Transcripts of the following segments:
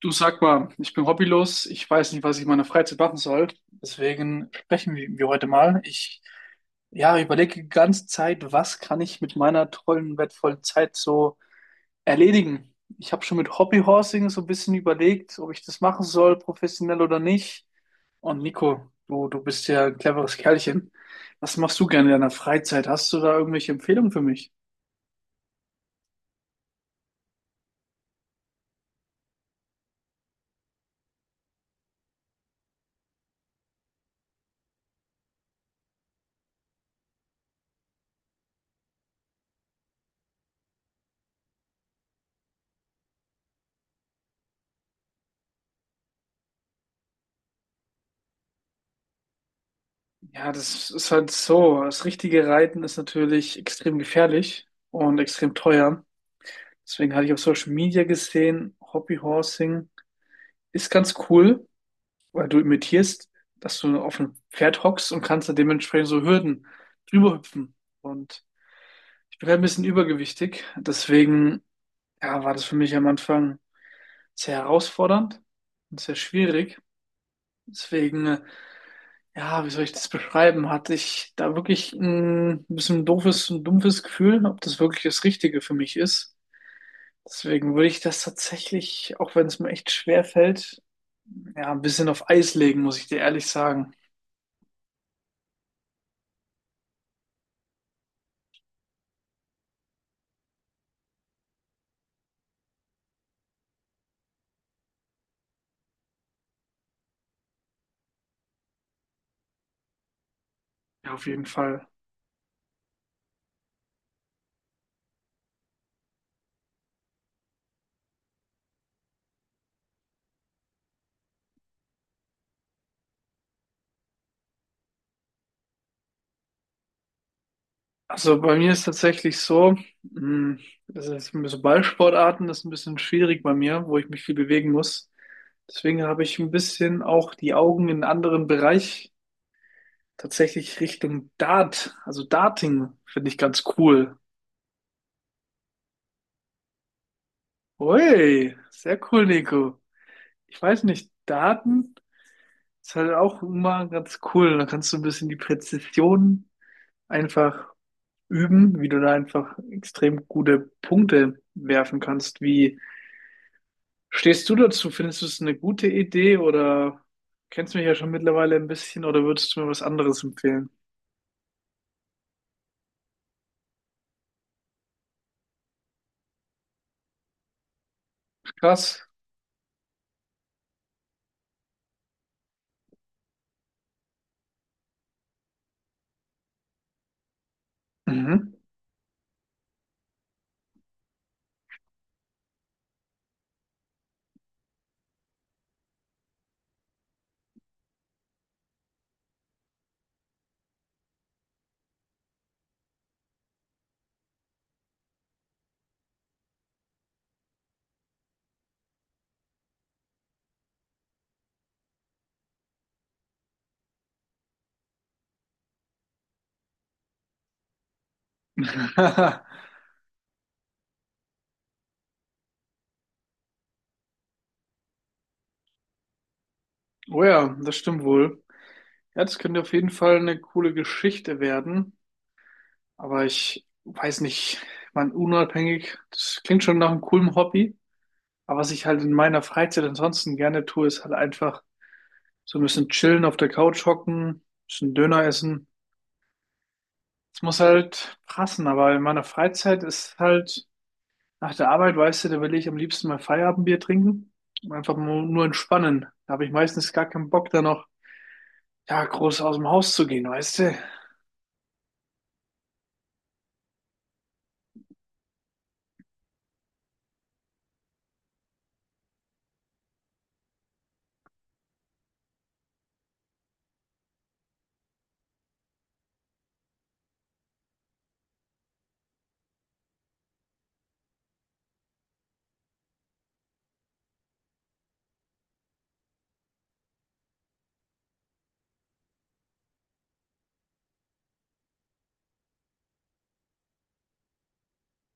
Du, sag mal, ich bin hobbylos, ich weiß nicht, was ich in meiner Freizeit machen soll. Deswegen sprechen wir heute mal. Ich Ja, überlege die ganze Zeit, was kann ich mit meiner tollen, wertvollen Zeit so erledigen. Ich habe schon mit Hobbyhorsing so ein bisschen überlegt, ob ich das machen soll, professionell oder nicht. Und Nico, du bist ja ein cleveres Kerlchen. Was machst du gerne in deiner Freizeit? Hast du da irgendwelche Empfehlungen für mich? Ja, das ist halt so. Das richtige Reiten ist natürlich extrem gefährlich und extrem teuer. Deswegen hatte ich auf Social Media gesehen, Hobbyhorsing ist ganz cool, weil du imitierst, dass du auf einem Pferd hockst und kannst da dementsprechend so Hürden drüber hüpfen. Und ich bin halt ein bisschen übergewichtig, deswegen ja, war das für mich am Anfang sehr herausfordernd und sehr schwierig. Deswegen, ja, wie soll ich das beschreiben? Hatte ich da wirklich ein bisschen doofes und dumpfes Gefühl, ob das wirklich das Richtige für mich ist. Deswegen würde ich das tatsächlich, auch wenn es mir echt schwer fällt, ja, ein bisschen auf Eis legen, muss ich dir ehrlich sagen. Ja, auf jeden Fall. Also bei mir ist tatsächlich so, mh, das ist so Ballsportarten, das ist ein bisschen schwierig bei mir, wo ich mich viel bewegen muss. Deswegen habe ich ein bisschen auch die Augen in einen anderen Bereich, tatsächlich Richtung Dart, also Darting finde ich ganz cool. Ui, sehr cool, Nico. Ich weiß nicht, Daten ist halt auch immer ganz cool. Da kannst du ein bisschen die Präzision einfach üben, wie du da einfach extrem gute Punkte werfen kannst. Wie stehst du dazu? Findest du es eine gute Idee oder kennst mich ja schon mittlerweile ein bisschen oder würdest du mir was anderes empfehlen? Krass. Mhm. Oh ja, das stimmt wohl. Ja, das könnte auf jeden Fall eine coole Geschichte werden, aber ich weiß nicht, man unabhängig, das klingt schon nach einem coolen Hobby, aber was ich halt in meiner Freizeit ansonsten gerne tue, ist halt einfach so ein bisschen chillen, auf der Couch hocken, ein bisschen Döner essen. Es muss halt passen, aber in meiner Freizeit ist halt, nach der Arbeit, weißt du, da will ich am liebsten mal Feierabendbier trinken und einfach nur entspannen. Da habe ich meistens gar keinen Bock, da noch, ja, groß aus dem Haus zu gehen, weißt du.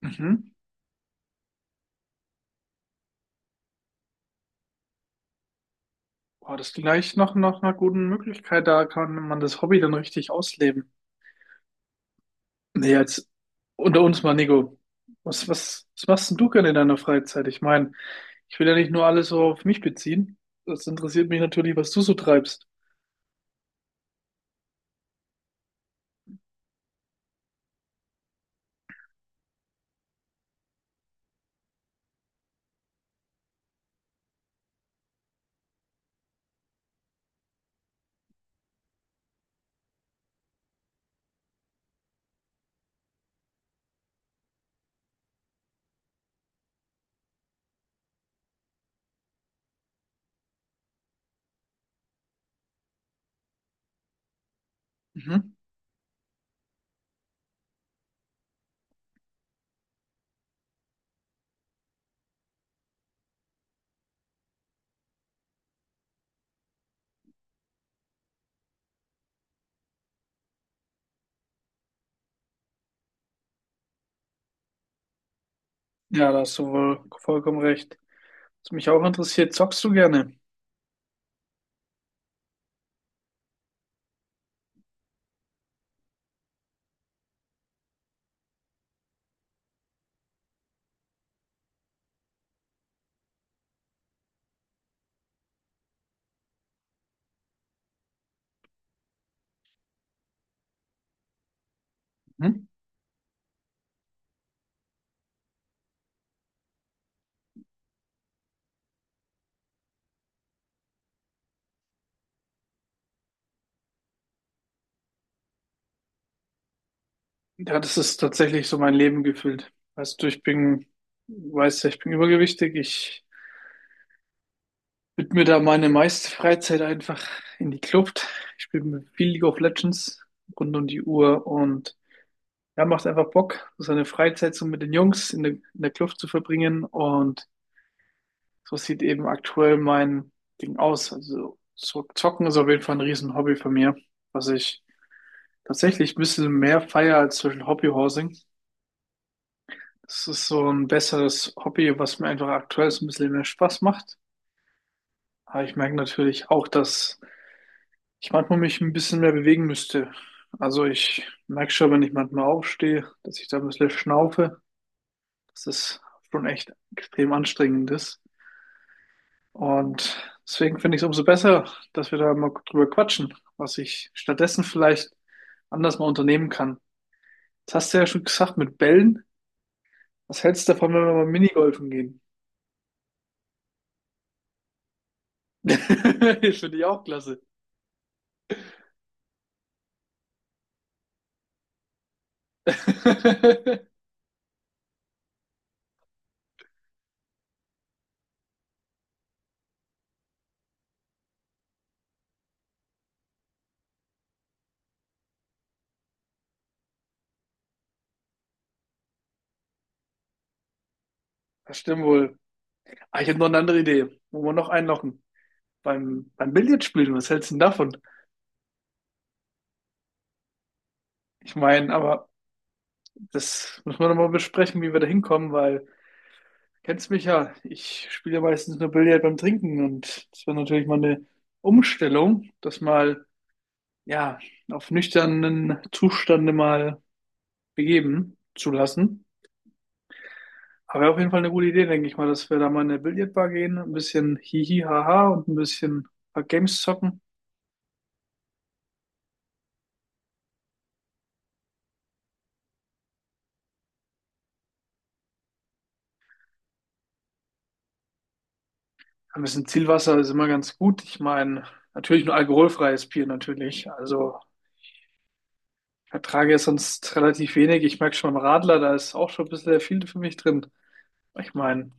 Mhm. Boah, das ist gleich noch nach einer guten Möglichkeit, da kann man das Hobby dann richtig ausleben. Nee, jetzt unter uns mal, Nico. Was machst denn du gerne in deiner Freizeit? Ich meine, ich will ja nicht nur alles so auf mich beziehen. Das interessiert mich natürlich, was du so treibst. Mhm. Ja, da hast du wohl vollkommen recht. Was mich auch interessiert, zockst du gerne? Mhm. Ja, das ist tatsächlich so mein Leben gefüllt. Weißt du, ich bin, weißt ja, ich bin übergewichtig. Ich widme da meine meiste Freizeit einfach in die Kluft. Ich spiele viel League of Legends rund um die Uhr und ja, macht einfach Bock, so seine Freizeit so mit den Jungs in der Kluft zu verbringen. Und so sieht eben aktuell mein Ding aus. Also so zocken ist auf jeden Fall ein riesen Hobby von mir, was ich tatsächlich ein bisschen mehr feiere als zum Beispiel Hobbyhousing. Das ist so ein besseres Hobby, was mir einfach aktuell so ein bisschen mehr Spaß macht. Aber ich merke natürlich auch, dass ich manchmal mich ein bisschen mehr bewegen müsste. Also ich merke schon, wenn ich manchmal aufstehe, dass ich da ein bisschen schnaufe. Das ist schon echt extrem anstrengendes. Und deswegen finde ich es umso besser, dass wir da mal drüber quatschen, was ich stattdessen vielleicht anders mal unternehmen kann. Das hast du ja schon gesagt mit Bällen. Was hältst du davon, wenn wir mal Minigolfen gehen? Finde ich auch klasse. Das stimmt wohl. Ah, ich habe noch eine andere Idee, wo wir noch einlochen. Beim Billard spielen, was hältst du denn davon? Ich meine, aber das müssen wir nochmal besprechen, wie wir da hinkommen, weil kennst mich ja, ich spiele ja meistens nur Billard beim Trinken und das war natürlich mal eine Umstellung, das mal, ja, auf nüchternen Zustande mal begeben zu lassen. Aber wäre auf jeden Fall eine gute Idee, denke ich mal, dass wir da mal in eine Billardbar gehen, ein bisschen hihi haha und ein bisschen ein paar Games zocken. Ja, ein bisschen Zielwasser ist immer ganz gut. Ich meine, natürlich nur alkoholfreies Bier natürlich. Also ich vertrage ja sonst relativ wenig. Ich merke schon beim Radler, da ist auch schon ein bisschen der viel für mich drin. Ich meine,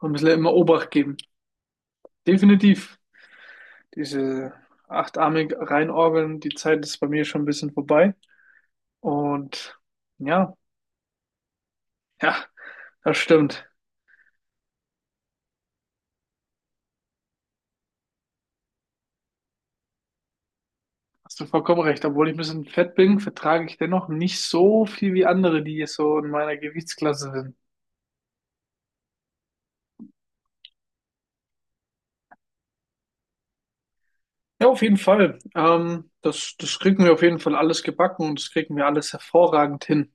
man muss ja immer Obacht geben. Definitiv. Diese achtarmig reinorgeln, die Zeit ist bei mir schon ein bisschen vorbei. Und ja, ja, das stimmt. Hast du vollkommen recht. Obwohl ich ein bisschen fett bin, vertrage ich dennoch nicht so viel wie andere, die jetzt so in meiner Gewichtsklasse sind. Ja, auf jeden Fall. Das kriegen wir auf jeden Fall alles gebacken und das kriegen wir alles hervorragend hin.